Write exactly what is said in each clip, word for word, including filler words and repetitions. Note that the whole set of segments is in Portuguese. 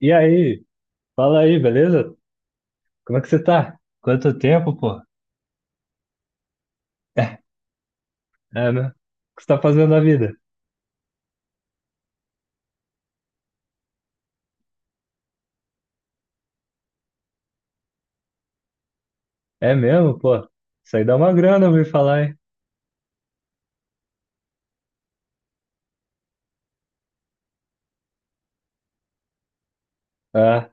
E aí, fala aí, beleza? Como é que você tá? Quanto tempo, pô? É, é, né? O que você tá fazendo na vida? É mesmo, pô? Isso aí dá uma grana, eu ouvi falar, hein? Ah,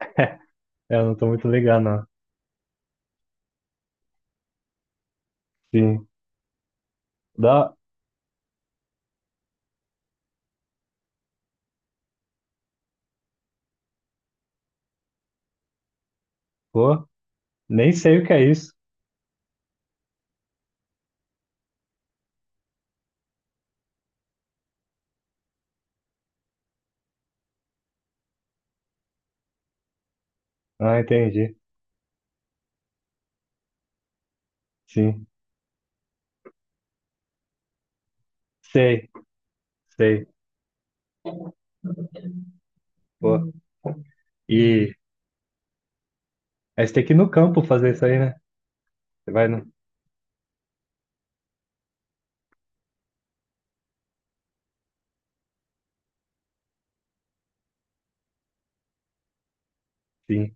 eu não tô muito ligado, não. Sim. Dá, pô, nem sei o que é isso. Ah, entendi. Sim. Sei, sei, pô. E aí você tem que ir no campo fazer isso aí, né? Você vai no... Sim.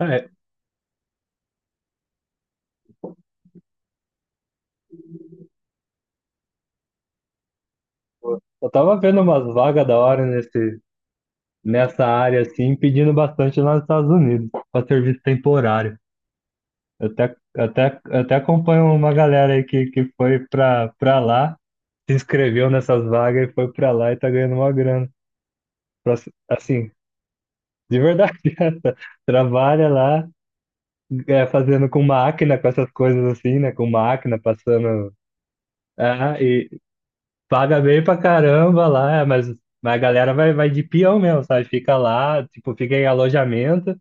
Ah, é, pô. Eu tava vendo umas vagas da hora nesse nessa área assim, pedindo bastante lá nos Estados Unidos, para serviço temporário. Eu até, até, até acompanho uma galera aí que, que foi pra pra lá, se inscreveu nessas vagas e foi pra lá e tá ganhando uma grana. Pra- Assim, de verdade, essa. Trabalha lá, é, fazendo com máquina, com essas coisas assim, né? Com máquina, passando. Ah, e paga bem pra caramba lá, é, mas, mas a galera vai, vai de peão mesmo, sabe? Fica lá, tipo, fica em alojamento.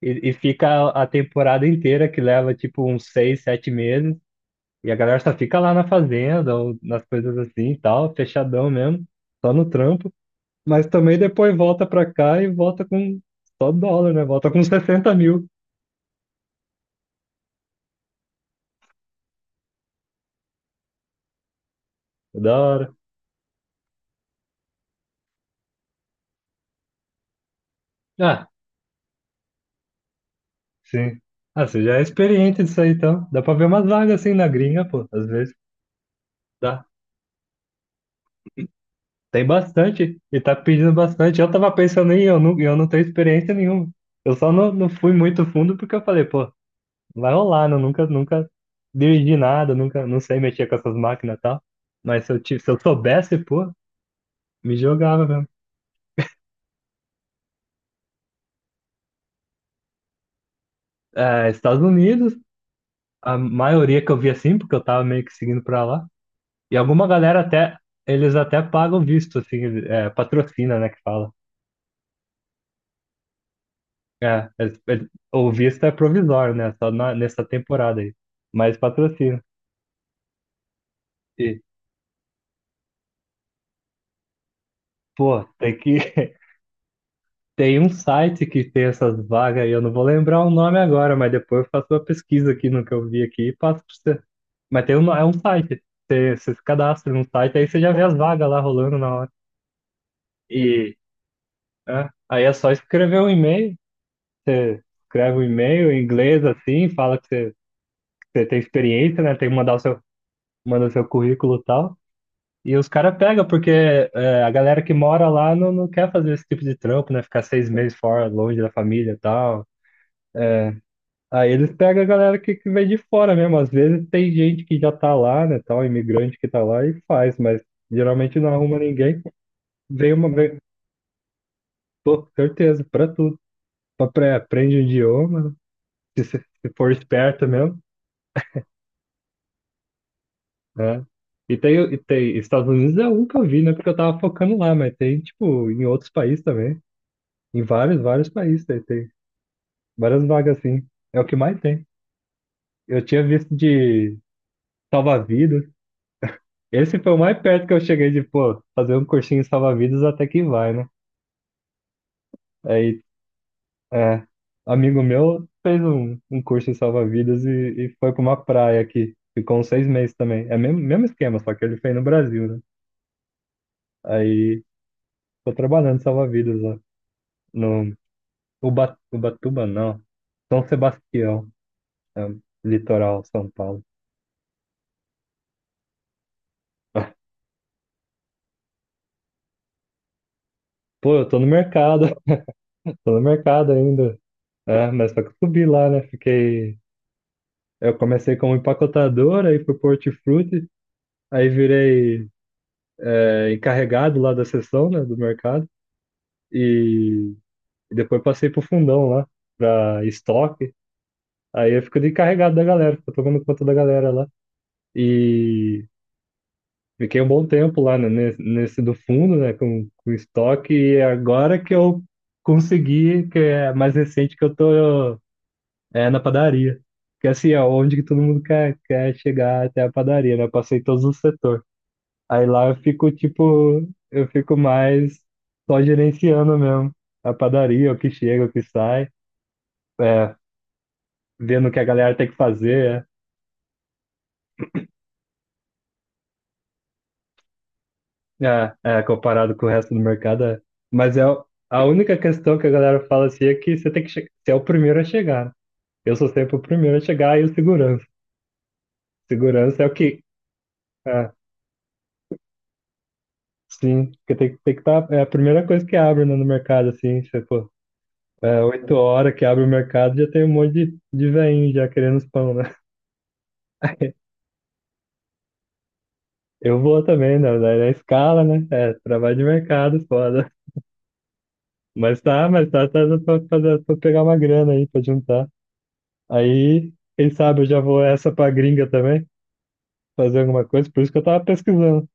E, e fica a temporada inteira, que leva tipo uns seis, sete meses, e a galera só fica lá na fazenda, ou nas coisas assim e tal, fechadão mesmo, só no trampo. Mas também depois volta pra cá e volta com só dólar, né? Volta com sessenta mil. É da hora. Ah, sim. Ah, você já é experiente disso aí, então. Dá pra ver umas vagas assim na gringa, pô. Às vezes dá. Tem bastante. E tá pedindo bastante. Eu tava pensando em eu não, eu não tenho experiência nenhuma. Eu só não, não fui muito fundo porque eu falei, pô, vai rolar, não, nunca, nunca dirigi nada, nunca, não sei mexer com essas máquinas e tal. Mas se eu, ti- se eu soubesse, pô, me jogava mesmo. É, Estados Unidos, a maioria que eu vi assim, porque eu tava meio que seguindo pra lá. E alguma galera até, eles até pagam visto, assim, ele- é, patrocina, né, que fala. É, eles- eles- o visto é provisório, né, só na- nessa temporada aí. Mas patrocina. E, pô, tem que. Tem um site que tem essas vagas e eu não vou lembrar o nome agora, mas depois eu faço uma pesquisa aqui no que eu vi aqui e passo pra você. Mas tem um, é um site. Você, você se cadastra num site, aí você já vê as vagas lá rolando na hora. E é, aí é só escrever um e-mail. Você escreve um e-mail em inglês assim, fala que você, que você tem experiência, né? Tem que mandar o seu, manda o seu currículo e tal. E os caras pegam, porque é, a galera que mora lá não, não quer fazer esse tipo de trampo, né? Ficar seis meses fora, longe da família e tal. Aí eles pegam a galera que, que vem de fora mesmo. Às vezes tem gente que já tá lá, né, tal, imigrante que tá lá e faz, mas geralmente não arruma ninguém. Vem uma vez, pô, certeza, pra tudo. Pra, pra- aprende o idioma, né, se, se se for esperto mesmo, né? E tem, e tem, Estados Unidos é um que eu vi, né, porque eu tava focando lá, mas tem, tipo, em outros países também. Em vários, vários países tem, tem várias vagas assim. É o que mais tem. Eu tinha visto de salva-vidas. Esse foi o mais perto que eu cheguei de, pô, fazer um cursinho salva-vidas até que vai, né? Aí, é, amigo meu fez um, um curso em salva-vidas e, e foi pra uma praia aqui. Ficou uns seis meses também. É o mesmo, mesmo esquema, só que ele fez no Brasil, né? Aí, tô trabalhando em salva-vidas lá no Uba, Ubatuba, não. São Sebastião, é, um litoral, São Paulo. Pô, eu tô no mercado, tô no mercado ainda. É, mas só que eu subi lá, né? Fiquei. Eu comecei como empacotador, aí fui pro hortifruti, aí virei é, encarregado lá da seção, né, do mercado, e depois passei pro fundão lá, pra estoque, aí eu fico de encarregado da galera, fico tomando conta da galera lá, e fiquei um bom tempo lá, né, nesse, nesse do fundo, né, com, com estoque, e agora que eu consegui, que é mais recente que eu tô é, na padaria. Porque assim, é onde que todo mundo quer, quer chegar até a padaria, né? Eu passei todos os setores. Aí lá eu fico, tipo, eu fico mais só gerenciando mesmo. A padaria, o que chega, o que sai, é, vendo o que a galera tem que fazer, é, é, é, comparado com o resto do mercado. É. Mas é o- a única questão que a galera fala assim é que você tem que che- você é o primeiro a chegar. Eu sou sempre o primeiro a chegar e o segurança. Segurança é o que. É, sim, porque tem, que- tem que estar. É a primeira coisa que abre, né, no mercado, assim, se for. É, oito horas que abre o mercado, já tem um monte de, de veinho já querendo os pão, né? Eu vou também, na, na, na escala, né? É, trabalho de mercado, foda. Mas tá, mas tá, tá, tá pra, fazer- pra pegar uma grana aí, pra juntar. Aí, quem sabe eu já vou essa pra gringa também, fazer alguma coisa, por isso que eu tava pesquisando.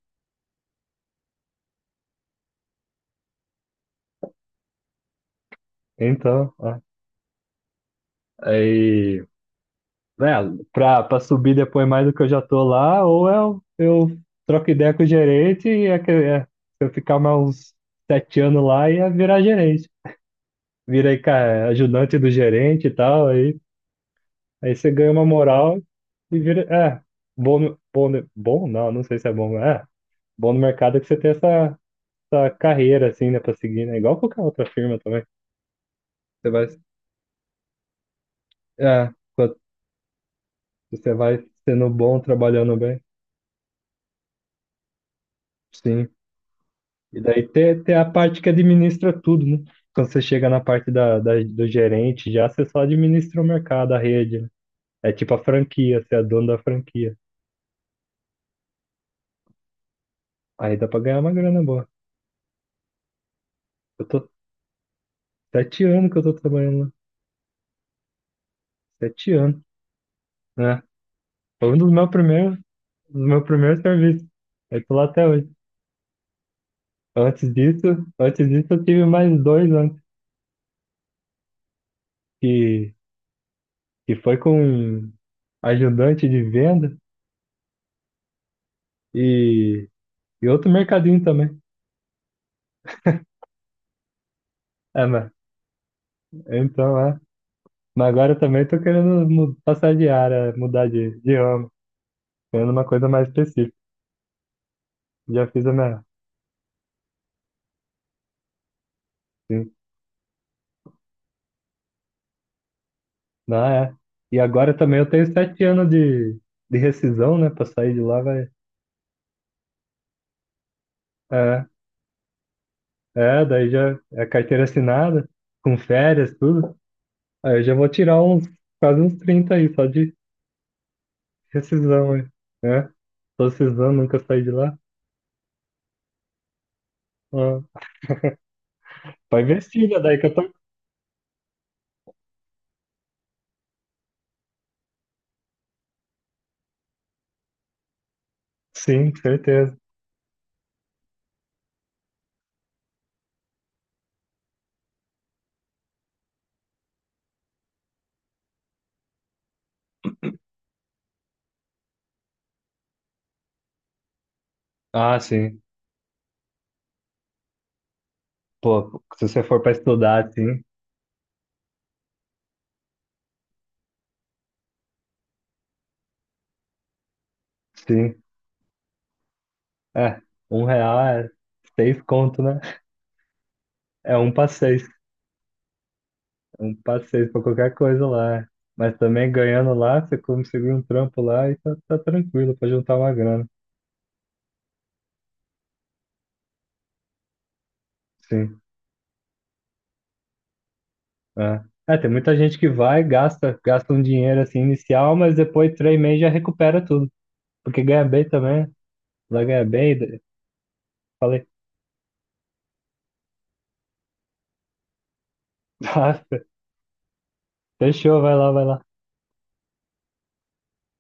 Então, ó, aí, né, pra, pra subir depois mais do que eu já tô lá, ou eu, eu troco ideia com o gerente e é, que- é, se eu ficar mais uns sete anos lá, ia virar gerente. Virei, cara, ajudante do gerente e tal. Aí Aí você ganha uma moral e vira. É, bom, no- bom, no- bom não, não sei se é bom, mas é bom no mercado é que você tem essa, essa carreira, assim, né, pra seguir, né? Igual qualquer outra firma também. Você vai. É, quando você vai sendo bom, trabalhando bem. Sim. E daí tem, tem a parte que administra tudo, né? Quando você chega na parte da, da- do gerente, já você só administra o mercado, a rede, né? É tipo a franquia, você é dono da franquia. Aí dá pra ganhar uma grana boa. Eu tô sete anos que eu tô trabalhando lá. Sete anos. Né, foi um dos meus primeiros, dos meus primeiros serviços. Eu tô lá até hoje. Antes disso, antes disso eu tive mais dois antes, que, que foi com ajudante de venda e, e outro mercadinho também. É, mas, então, é. Mas agora eu também tô querendo mu- passar de área, mudar de, de ramo, querendo uma coisa mais específica. Já fiz a minha, sim. Não, é. E agora também eu tenho sete anos de, de rescisão, né? Pra sair de lá vai. É. É, daí já é carteira assinada, com férias, tudo. Aí eu já vou tirar uns, quase uns trinta aí, só de rescisão aí, né? Tô rescisão, nunca saí de lá. Ah, pra investir, já daí que eu tô. Sim, certeza. Ah, sim. Pô, se você for pra estudar, sim, sim. É, um real é seis conto, né? É um pra seis. Um pra seis pra qualquer coisa lá. É. Mas também ganhando lá, você consegue um trampo lá e tá, tá tranquilo pra juntar uma grana. Sim. É. É, tem muita gente que vai, gasta, gasta um dinheiro assim inicial, mas depois três meses já recupera tudo. Porque ganha bem também, vai ganhar bem. Falei, ah, fechou, vai lá, vai lá.